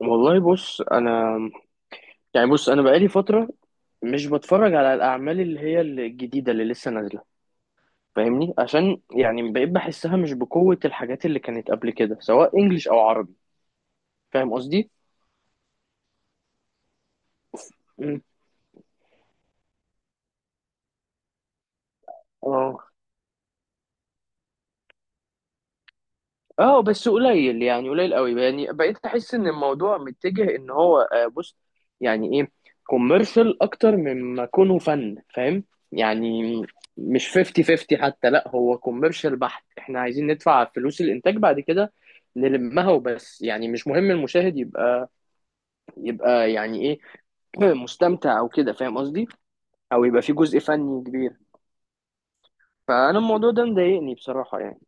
والله بص انا بقالي فتره، مش بتفرج على الاعمال اللي هي الجديده اللي لسه نازله. فاهمني؟ عشان يعني بقيت بحسها مش بقوه الحاجات اللي كانت قبل كده، سواء انجليش او عربي. فاهم قصدي. مم. اه اه. بس قليل، يعني قليل قوي. يعني بقيت احس ان الموضوع متجه ان هو، بص، يعني ايه، كوميرشال اكتر مما كونه فن. فاهم يعني؟ مش 50 50 حتى، لا هو كوميرشال بحت. احنا عايزين ندفع فلوس الانتاج بعد كده نلمها وبس، يعني مش مهم المشاهد يبقى يعني ايه، مستمتع او كده. فاهم قصدي؟ او يبقى في جزء فني كبير. فانا الموضوع ده مضايقني بصراحة يعني.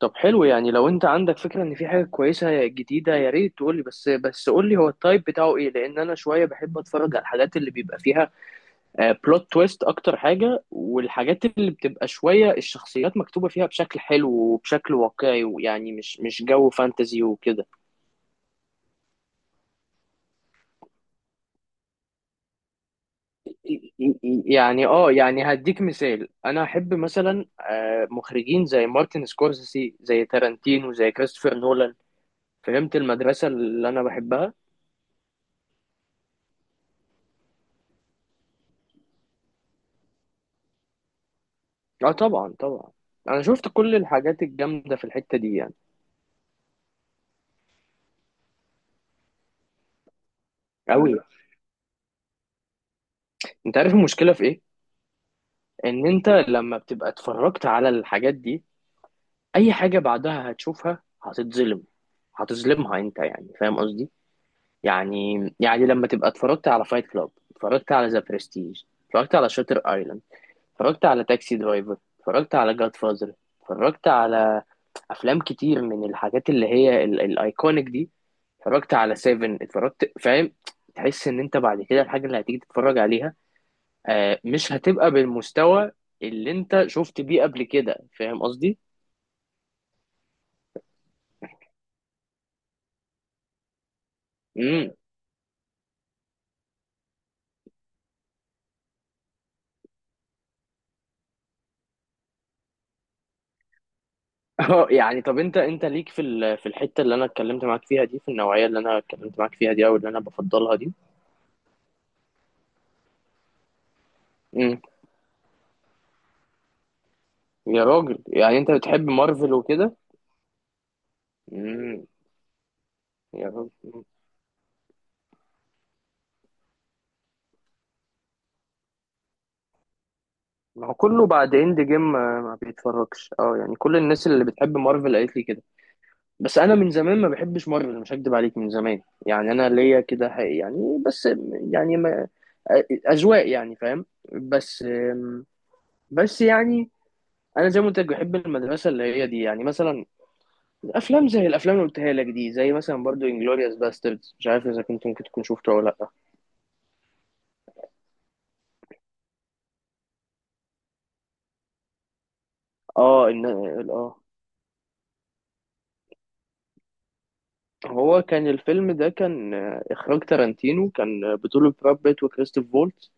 طب حلو، يعني لو انت عندك فكرة ان في حاجة كويسة جديدة يا ريت تقولي. بس قولي هو التايب بتاعه ايه، لان انا شوية بحب اتفرج على الحاجات اللي بيبقى فيها بلوت تويست اكتر حاجة، والحاجات اللي بتبقى شوية الشخصيات مكتوبة فيها بشكل حلو وبشكل واقعي، ويعني مش جو فانتزي وكده. يعني اه، يعني هديك مثال، انا احب مثلا مخرجين زي مارتن سكورسيزي، زي تارانتينو، زي كريستوفر نولان. فهمت المدرسة اللي انا بحبها. اه طبعا طبعا، انا شفت كل الحاجات الجامده في الحته دي يعني. قوي. انت عارف المشكله في ايه؟ ان انت لما بتبقى اتفرجت على الحاجات دي، اي حاجه بعدها هتشوفها هتتظلم، هتظلمها انت. يعني فاهم قصدي؟ يعني يعني لما تبقى اتفرجت على فايت كلاب، اتفرجت على ذا برستيج، اتفرجت على شاتر ايلاند، اتفرجت على تاكسي درايفر، اتفرجت على جاد فازر، اتفرجت على افلام كتير من الحاجات اللي هي الايكونيك دي، اتفرجت على سيفن، اتفرجت. فاهم؟ تحس ان انت بعد كده الحاجه اللي هتيجي تتفرج عليها مش هتبقى بالمستوى اللي انت شفت بيه قبل كده. فاهم قصدي؟ امم اه يعني، طب انت انت ليك في في الحته اللي انا اتكلمت معاك فيها دي، في النوعيه اللي انا اتكلمت معاك فيها دي او اللي انا بفضلها دي؟ امم. يا راجل، يعني انت بتحب مارفل وكده؟ امم. يا راجل، ما هو كله بعد اند جيم ما بيتفرجش. اه يعني كل الناس اللي بتحب مارفل قالت لي كده. بس انا من زمان ما بحبش مارفل، مش هكدب عليك. من زمان يعني انا ليا كده يعني بس، يعني ما اذواق يعني. فاهم؟ بس، بس يعني انا زي ما قلت لك بحب المدرسه اللي هي دي، يعني مثلا افلام زي الافلام اللي قلتها لك دي، زي مثلا برضو انجلوريوس باستردز. مش عارف اذا كنت ممكن تكون شفته او لا. اه اه، هو كان الفيلم ده كان إخراج تارانتينو، كان بطولة براد بيت وكريستوف فولتز.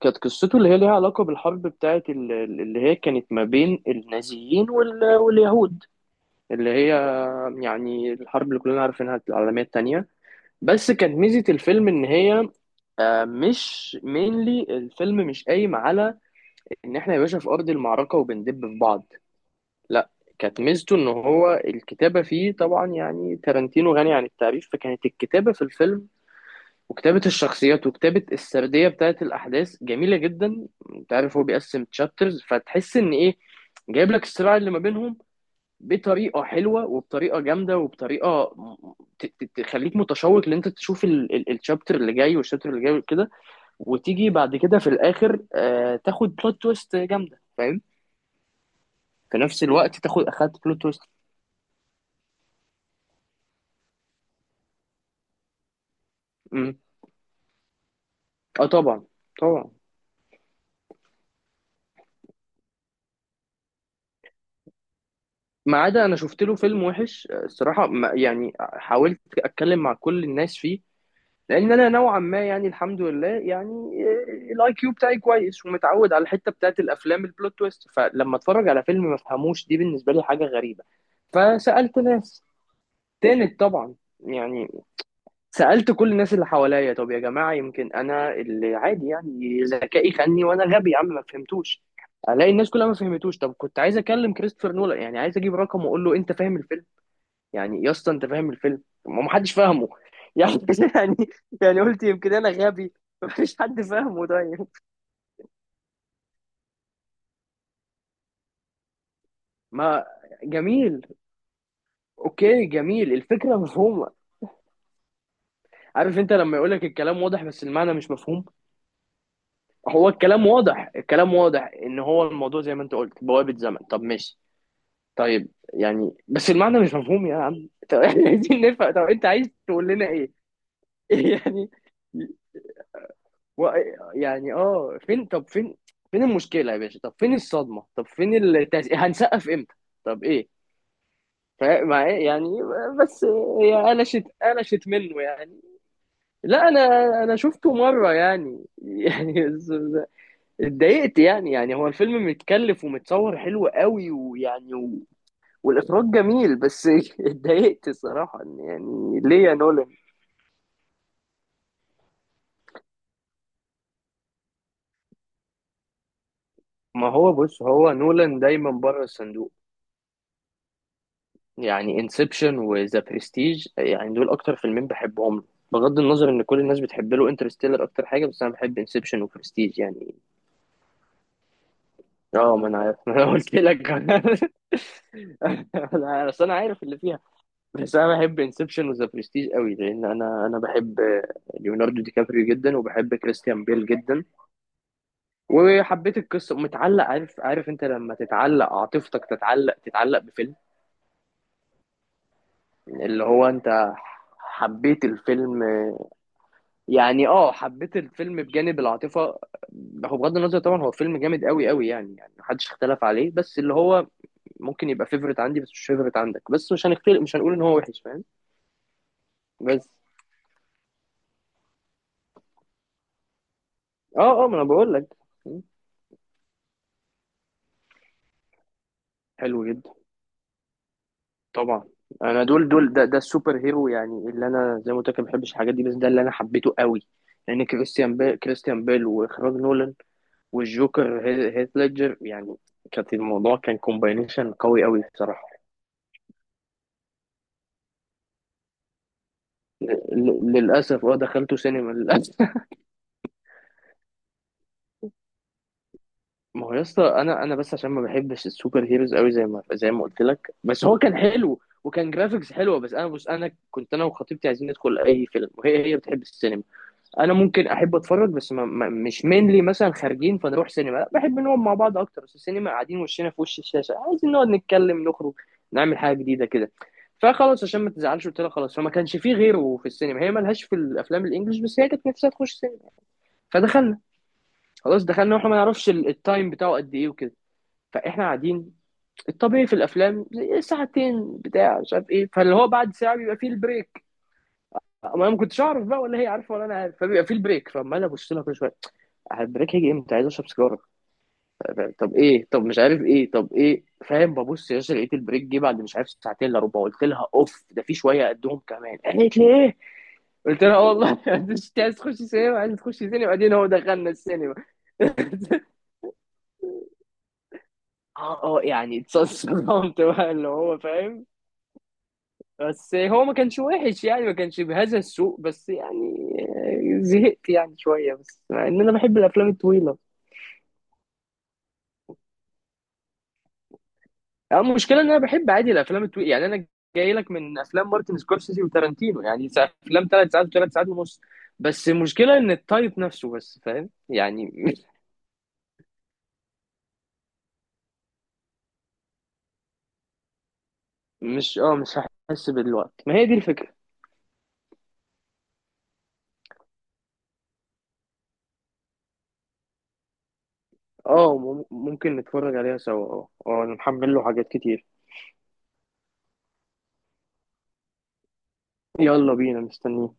كانت قصته اللي هي ليها علاقة بالحرب بتاعة اللي هي كانت ما بين النازيين واليهود. اللي هي يعني الحرب اللي كلنا عارفينها، العالمية التانية. بس كانت ميزة الفيلم إن هي مش مينلي الفيلم مش قايم على ان احنا يا باشا في ارض المعركه وبندب في بعض. لا، كانت ميزته ان هو الكتابه فيه. طبعا يعني تارانتينو غني عن التعريف، فكانت الكتابه في الفيلم وكتابة الشخصيات وكتابة السردية بتاعت الأحداث جميلة جدا. أنت عارف هو بيقسم تشابترز، فتحس إن إيه، جايب لك الصراع اللي ما بينهم بطريقة حلوة وبطريقة جامدة وبطريقة تخليك متشوق إن أنت تشوف الشابتر اللي جاي والشابتر اللي جاي وكده. وتيجي بعد كده في الآخر تاخد بلوت تويست جامدة. فاهم؟ في نفس الوقت تاخد، أخدت بلوت تويست. مم. أه طبعا طبعا. ما عدا أنا شفت له فيلم وحش الصراحة يعني حاولت أتكلم مع كل الناس فيه، لان انا نوعا ما يعني الحمد لله يعني الاي كيو بتاعي كويس، ومتعود على الحته بتاعت الافلام البلوت تويست، فلما اتفرج على فيلم ما فهموش دي بالنسبه لي حاجه غريبه. فسالت ناس تاني طبعا. يعني سالت كل الناس اللي حواليا، طب يا جماعه يمكن انا اللي عادي يعني ذكائي خاني وانا غبي يا عم ما فهمتوش. الاقي الناس كلها ما فهمتوش. طب كنت عايز اكلم كريستوفر نولان، يعني عايز اجيب رقم واقول له انت فاهم الفيلم؟ يعني يا اسطى انت فاهم الفيلم؟ ما محدش فاهمه يعني. يعني يعني قلت يمكن انا غبي. مفيش حد فاهمه، طيب. ما جميل. اوكي جميل، الفكره مفهومه. عارف انت لما يقولك الكلام واضح بس المعنى مش مفهوم؟ هو الكلام واضح، الكلام واضح ان هو الموضوع زي ما انت قلت بوابه زمن، طب ماشي. طيب يعني بس المعنى مش مفهوم يا عم، طب احنا عايزين نفهم، طب انت عايز تقول لنا ايه؟ يعني و... يعني اه، فين؟ طب فين، فين المشكلة يا باشا؟ طب فين الصدمة؟ طب فين هنسقف امتى؟ طب ايه مع إيه؟ يعني بس هي قلشت قلشت منه يعني. لا انا، انا شفته مرة يعني. يعني اتضايقت يعني. يعني هو الفيلم متكلف ومتصور حلو قوي، ويعني والاخراج جميل، بس اتضايقت الصراحة. إن يعني ليه يا نولان؟ ما هو بص، هو نولان دايما بره الصندوق. يعني انسبشن وذا برستيج، يعني دول اكتر فيلمين بحبهم له، بغض النظر ان كل الناس بتحب له انترستيلر اكتر حاجه، بس انا بحب انسبشن وبرستيج يعني. اه ما انا عارف، ما انا قلت لك. انا اصل انا عارف اللي فيها. بس انا بحب انسبشن وذا برستيج قوي، لان انا بحب ليوناردو دي كابريو جدا، وبحب كريستيان بيل جدا. وحبيت القصه، متعلق. عارف انت لما تتعلق عاطفتك، تتعلق بفيلم، اللي هو انت حبيت الفيلم. يعني اه، حبيت الفيلم بجانب العاطفه. هو بغض النظر طبعا هو فيلم جامد قوي قوي يعني، يعني محدش اختلف عليه. بس اللي هو ممكن يبقى فيفرت عندي بس مش فيفرت عندك، بس مش هنختلف، مش هنقول ان هو وحش. فاهم؟ بس اه اه، ما انا بقول لك. حلو جدا. طبعا انا دول دول ده ده السوبر هيرو يعني، اللي انا زي ما قلت لك ما بحبش الحاجات دي، بس ده اللي انا حبيته قوي. لان كريستيان بيل واخراج نولان، والجوكر هيث ليدجر يعني، كانت الموضوع كان كومباينيشن قوي قوي بصراحه. للاسف اه، دخلته سينما للاسف. ما هو يا اسطى، انا بس عشان ما بحبش السوبر هيروز قوي زي ما قلت لك، بس هو كان حلو وكان جرافيكس حلوه. بس انا بص، انا كنت انا وخطيبتي عايزين ندخل اي فيلم، وهي بتحب السينما. انا ممكن احب اتفرج بس ما مش مينلي مثلا خارجين فنروح سينما، لا بحب نقعد مع بعض اكتر. بس السينما قاعدين وشنا في وش الشاشه، عايزين نقعد نتكلم، نخرج نعمل حاجه جديده كده. فخلاص عشان ما تزعلش قلت لها خلاص، فما كانش فيه غيره في السينما، هي ملهاش في الافلام الانجليش، بس هي كانت نفسها تخش سينما، فدخلنا. خلاص دخلنا واحنا ما نعرفش التايم بتاعه قد ايه وكده. فاحنا قاعدين، الطبيعي في الافلام زي ساعتين بتاع مش عارف ايه، فاللي هو بعد ساعه بيبقى فيه البريك. ما انا ما كنتش اعرف بقى، ولا هي عارفه ولا انا عارف، فبيبقى فيه البريك. فعمال ابص لها كل شويه، البريك هيجي امتى؟ عايز اشرب سيجاره، طب ايه، طب مش عارف ايه، طب ايه". فاهم؟ ببص يا باشا، لقيت البريك جه بعد مش عارف ساعتين الا ربع. قلت لها اوف ده في شويه قدهم كمان. قالت لي ايه؟ قلت لها اه والله. انت عايز تخش سينما، عايز تخش سينما، بعدين هو دخلنا السينما. اه اه، يعني اتصدمت بقى. اللي هو فاهم. بس هو ما كانش وحش يعني، ما كانش بهذا السوء، بس يعني زهقت يعني شويه، بس مع ان انا بحب الافلام الطويله. يعني المشكله ان انا بحب عادي الافلام الطويله، يعني انا جاي لك من افلام مارتن سكورسيزي وتارانتينو، يعني افلام 3 ساعات وثلاث ساعات ونص. بس المشكله ان التايب نفسه، بس فاهم يعني. مش اه مش هحس بالوقت، ما هي دي الفكره. اه ممكن نتفرج عليها سوا، اه اه انا محمل له حاجات كتير. يلا بينا مستنيين.